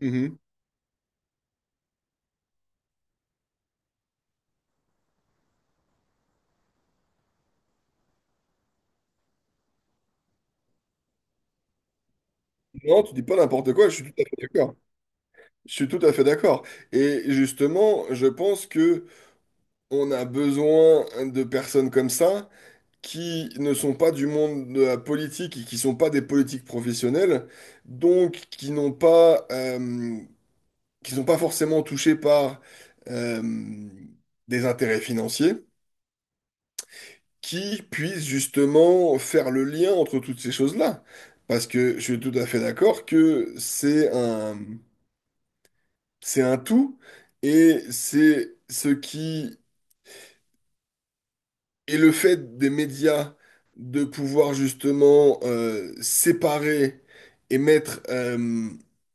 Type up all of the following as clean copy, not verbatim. Mhm. Non, tu dis pas n'importe quoi, je suis tout à fait d'accord. Je suis tout à fait d'accord. Et justement, je pense que on a besoin de personnes comme ça qui ne sont pas du monde de la politique et qui sont pas des politiques professionnelles, donc qui n'ont pas, qui sont pas forcément touchés par euh, des intérêts financiers, qui puissent justement faire le lien entre toutes ces choses-là. Parce que je suis tout à fait d'accord que c'est un tout, et c'est ce qui est le fait des médias de pouvoir justement séparer et mettre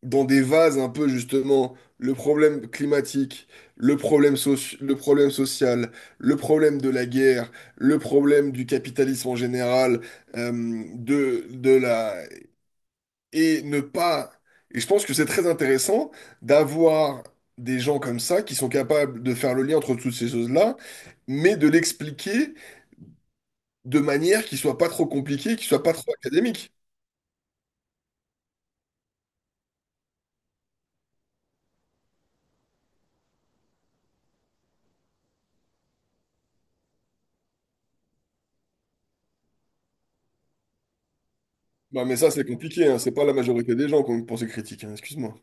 dans des vases un peu justement le problème climatique, le problème social, le problème de la guerre, le problème du capitalisme en général, de la et ne pas. Et je pense que c'est très intéressant d'avoir des gens comme ça qui sont capables de faire le lien entre toutes ces choses-là, mais de l'expliquer de manière qui soit pas trop compliquée, qui soit pas trop académique. Bah, mais ça, c'est compliqué, hein. C'est pas la majorité des gens qui ont une pensée critique, hein. Excuse-moi.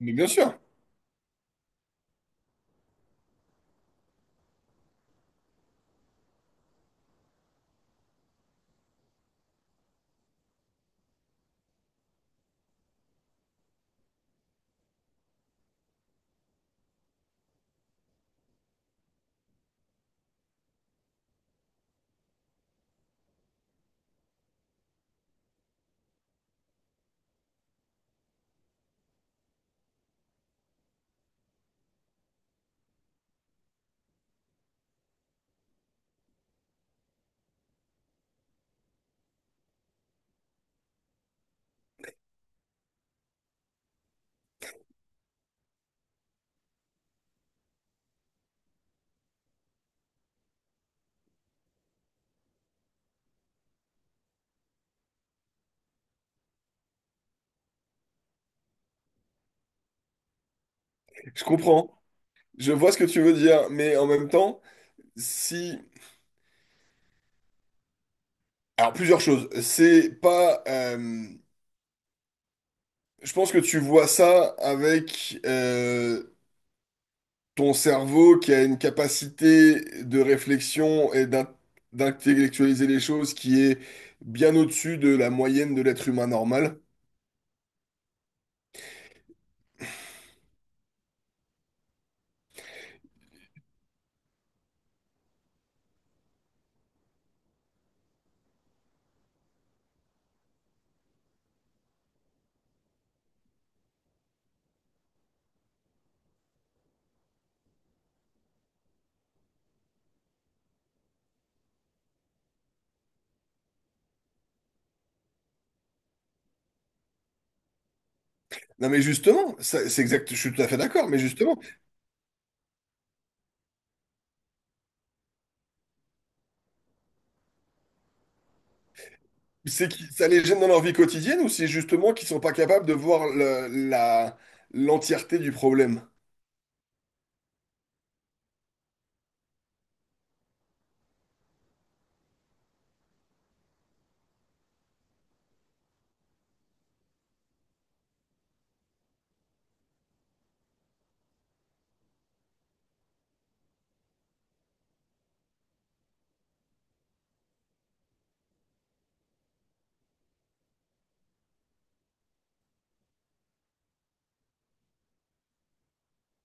Mais bien sûr, je comprends. Je vois ce que tu veux dire, mais en même temps, si. Alors, plusieurs choses. C'est pas. Je pense que tu vois ça avec ton cerveau qui a une capacité de réflexion et d'intellectualiser les choses qui est bien au-dessus de la moyenne de l'être humain normal. Non mais justement, c'est exact, je suis tout à fait d'accord, mais justement, c'est que ça les gêne dans leur vie quotidienne ou c'est justement qu'ils sont pas capables de voir l'entièreté du problème?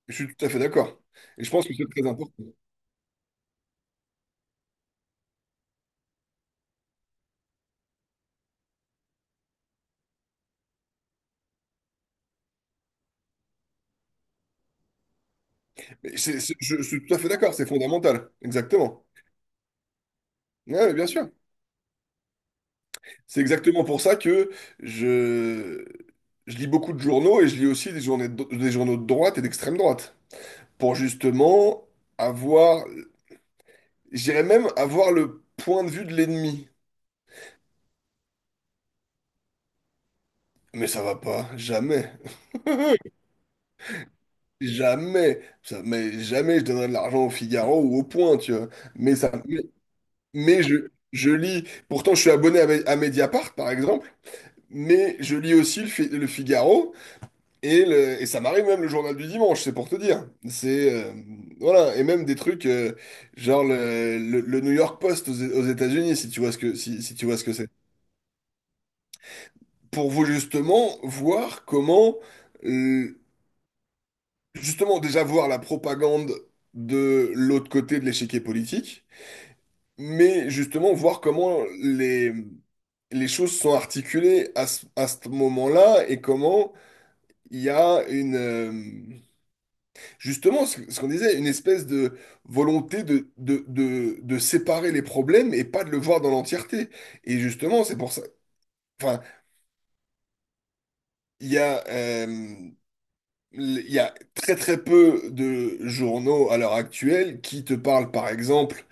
Je suis tout à fait d'accord. Et je pense que c'est très important. Mais je suis tout à fait d'accord. C'est fondamental. Exactement. Oui, bien sûr. C'est exactement pour ça que je, je lis beaucoup de journaux et je lis aussi des journaux de droite et d'extrême droite. Pour justement avoir, j'irais même avoir le point de vue de l'ennemi. Mais ça va pas, jamais. Jamais, ça, mais jamais je donnerai de l'argent au Figaro ou au Point, tu vois. Mais ça, mais je lis. Pourtant, je suis abonné à Mediapart, par exemple, mais je lis aussi le Figaro. Et ça m'arrive même le journal du dimanche, c'est pour te dire. C'est voilà, et même des trucs genre le New York Post aux États-Unis, si tu vois ce que, si tu vois ce que c'est. Pour vous justement voir comment euh, justement déjà voir la propagande de l'autre côté de l'échiquier politique, mais justement voir comment les choses sont articulées à ce moment-là et comment il y a une justement, ce qu'on disait, une espèce de volonté de séparer les problèmes et pas de le voir dans l'entièreté. Et justement, c'est pour ça. Enfin, il y a, euh, il y a très très peu de journaux à l'heure actuelle qui te parlent, par exemple,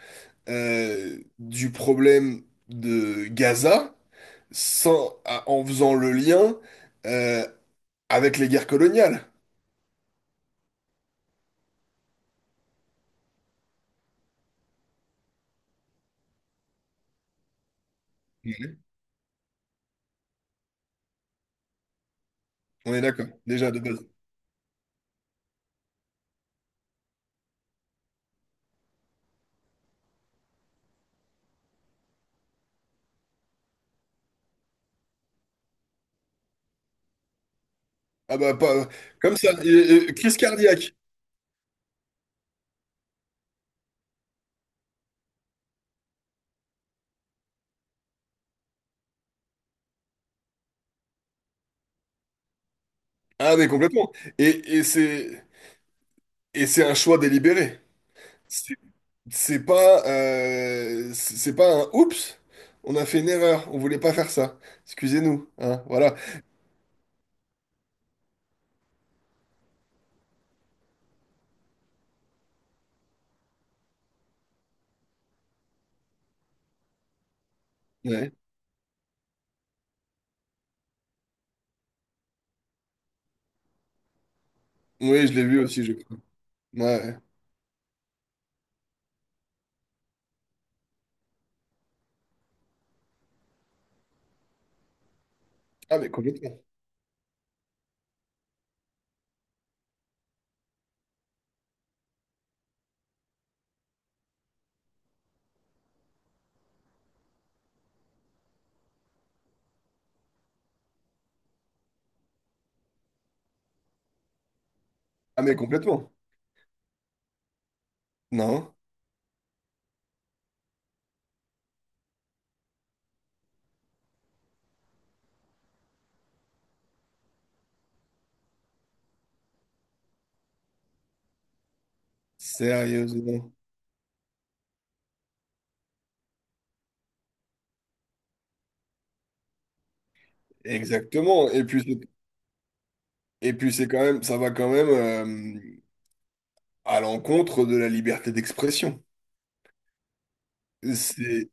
du problème de Gaza sans, à- en faisant le lien euh, avec les guerres coloniales. Mhm. On est d'accord, déjà de base. Ah bah, pas, comme ça, crise cardiaque. Ah mais complètement. Et c'est un choix délibéré. C'est c'est pas c'est pas un oups, on a fait une erreur, on voulait pas faire ça. Excusez-nous, hein, voilà. Ouais. Oui, je l'ai vu aussi, je crois. Ouais. Ouais. Ah mais complètement. Ah mais complètement. Non, sérieusement. Exactement. Et puis c'est quand même ça va quand même à l'encontre de la liberté d'expression. C'est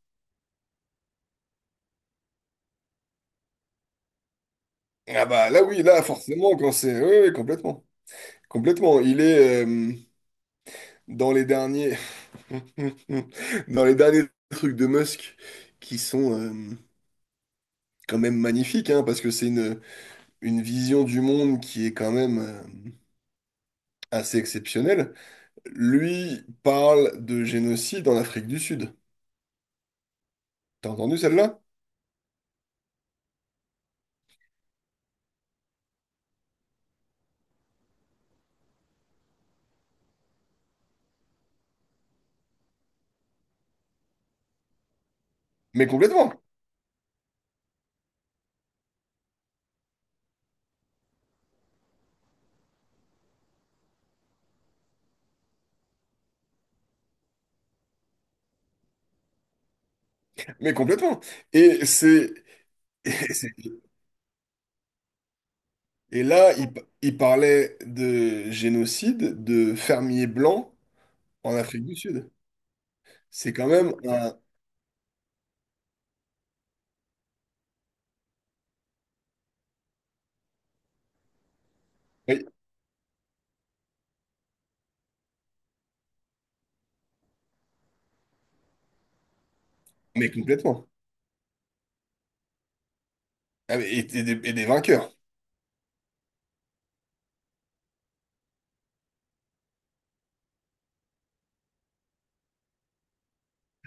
Ah bah là oui, là forcément quand c'est oui, oui, complètement. Complètement. Il est dans les derniers, dans les derniers trucs de Musk qui sont quand même magnifiques, hein, parce que c'est une vision du monde qui est quand même assez exceptionnelle. Lui parle de génocide en Afrique du Sud. T'as entendu celle-là? Mais complètement. Mais complètement. Et c'est et c'est- et là, il parlait de génocide de fermiers blancs en Afrique du Sud. C'est quand même un. Mais complètement. Ah, et des vainqueurs.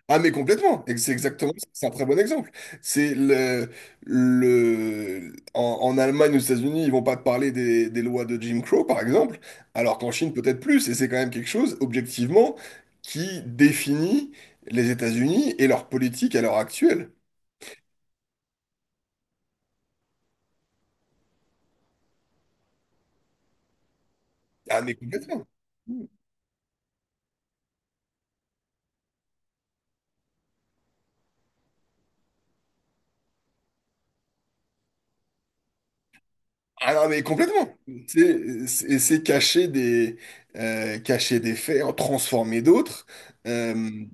Ah, mais complètement. C'est exactement ça. C'est un très bon exemple. C'est le, en Allemagne, aux États-Unis, ils vont pas te parler des lois de Jim Crow, par exemple, alors qu'en Chine, peut-être plus. Et c'est quand même quelque chose, objectivement, qui définit les États-Unis et leur politique à l'heure actuelle. Ah, mais complètement. Ah non, mais complètement. C'est cacher des faits, en transformer d'autres. Euh,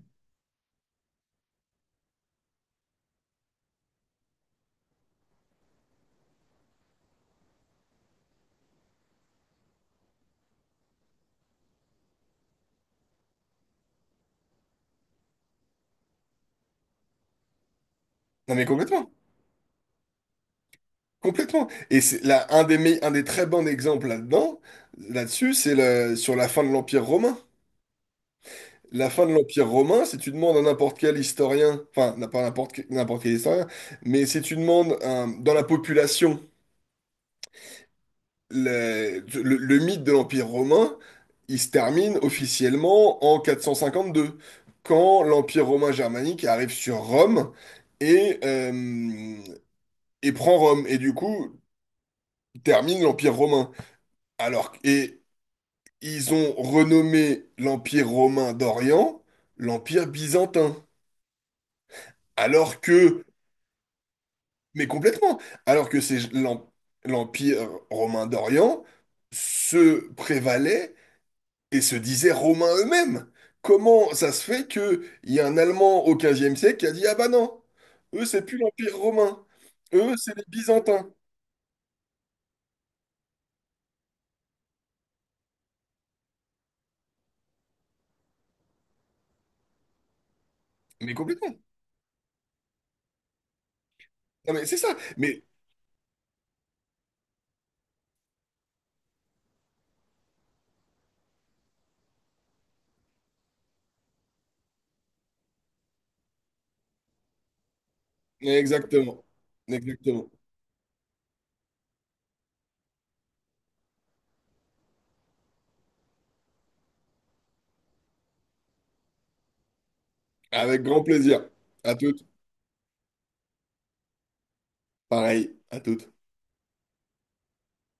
non, mais complètement. Complètement. Et c'est là, un des très bons exemples là-dedans, là-dessus, c'est sur la fin de l'Empire romain. La fin de l'Empire romain, si tu demandes à n'importe quel historien, enfin, n'a pas n'importe quel historien, mais si tu demandes dans la population le mythe de l'Empire romain, il se termine officiellement en 452, quand l'Empire romain germanique arrive sur Rome et, euh, et prend Rome, et du coup termine l'Empire romain. Alors, et ils ont renommé l'Empire romain d'Orient l'Empire byzantin. Alors que, mais complètement, alors que c'est l'Empire romain d'Orient se prévalait et se disait romains eux-mêmes. Comment ça se fait que il y a un Allemand au XVe siècle qui a dit, ah bah non, eux c'est plus l'Empire romain, eux c'est les Byzantins. Mais complètement. Non mais c'est ça. Mais exactement. Exactement. Avec grand plaisir. À toutes. Pareil. À toutes.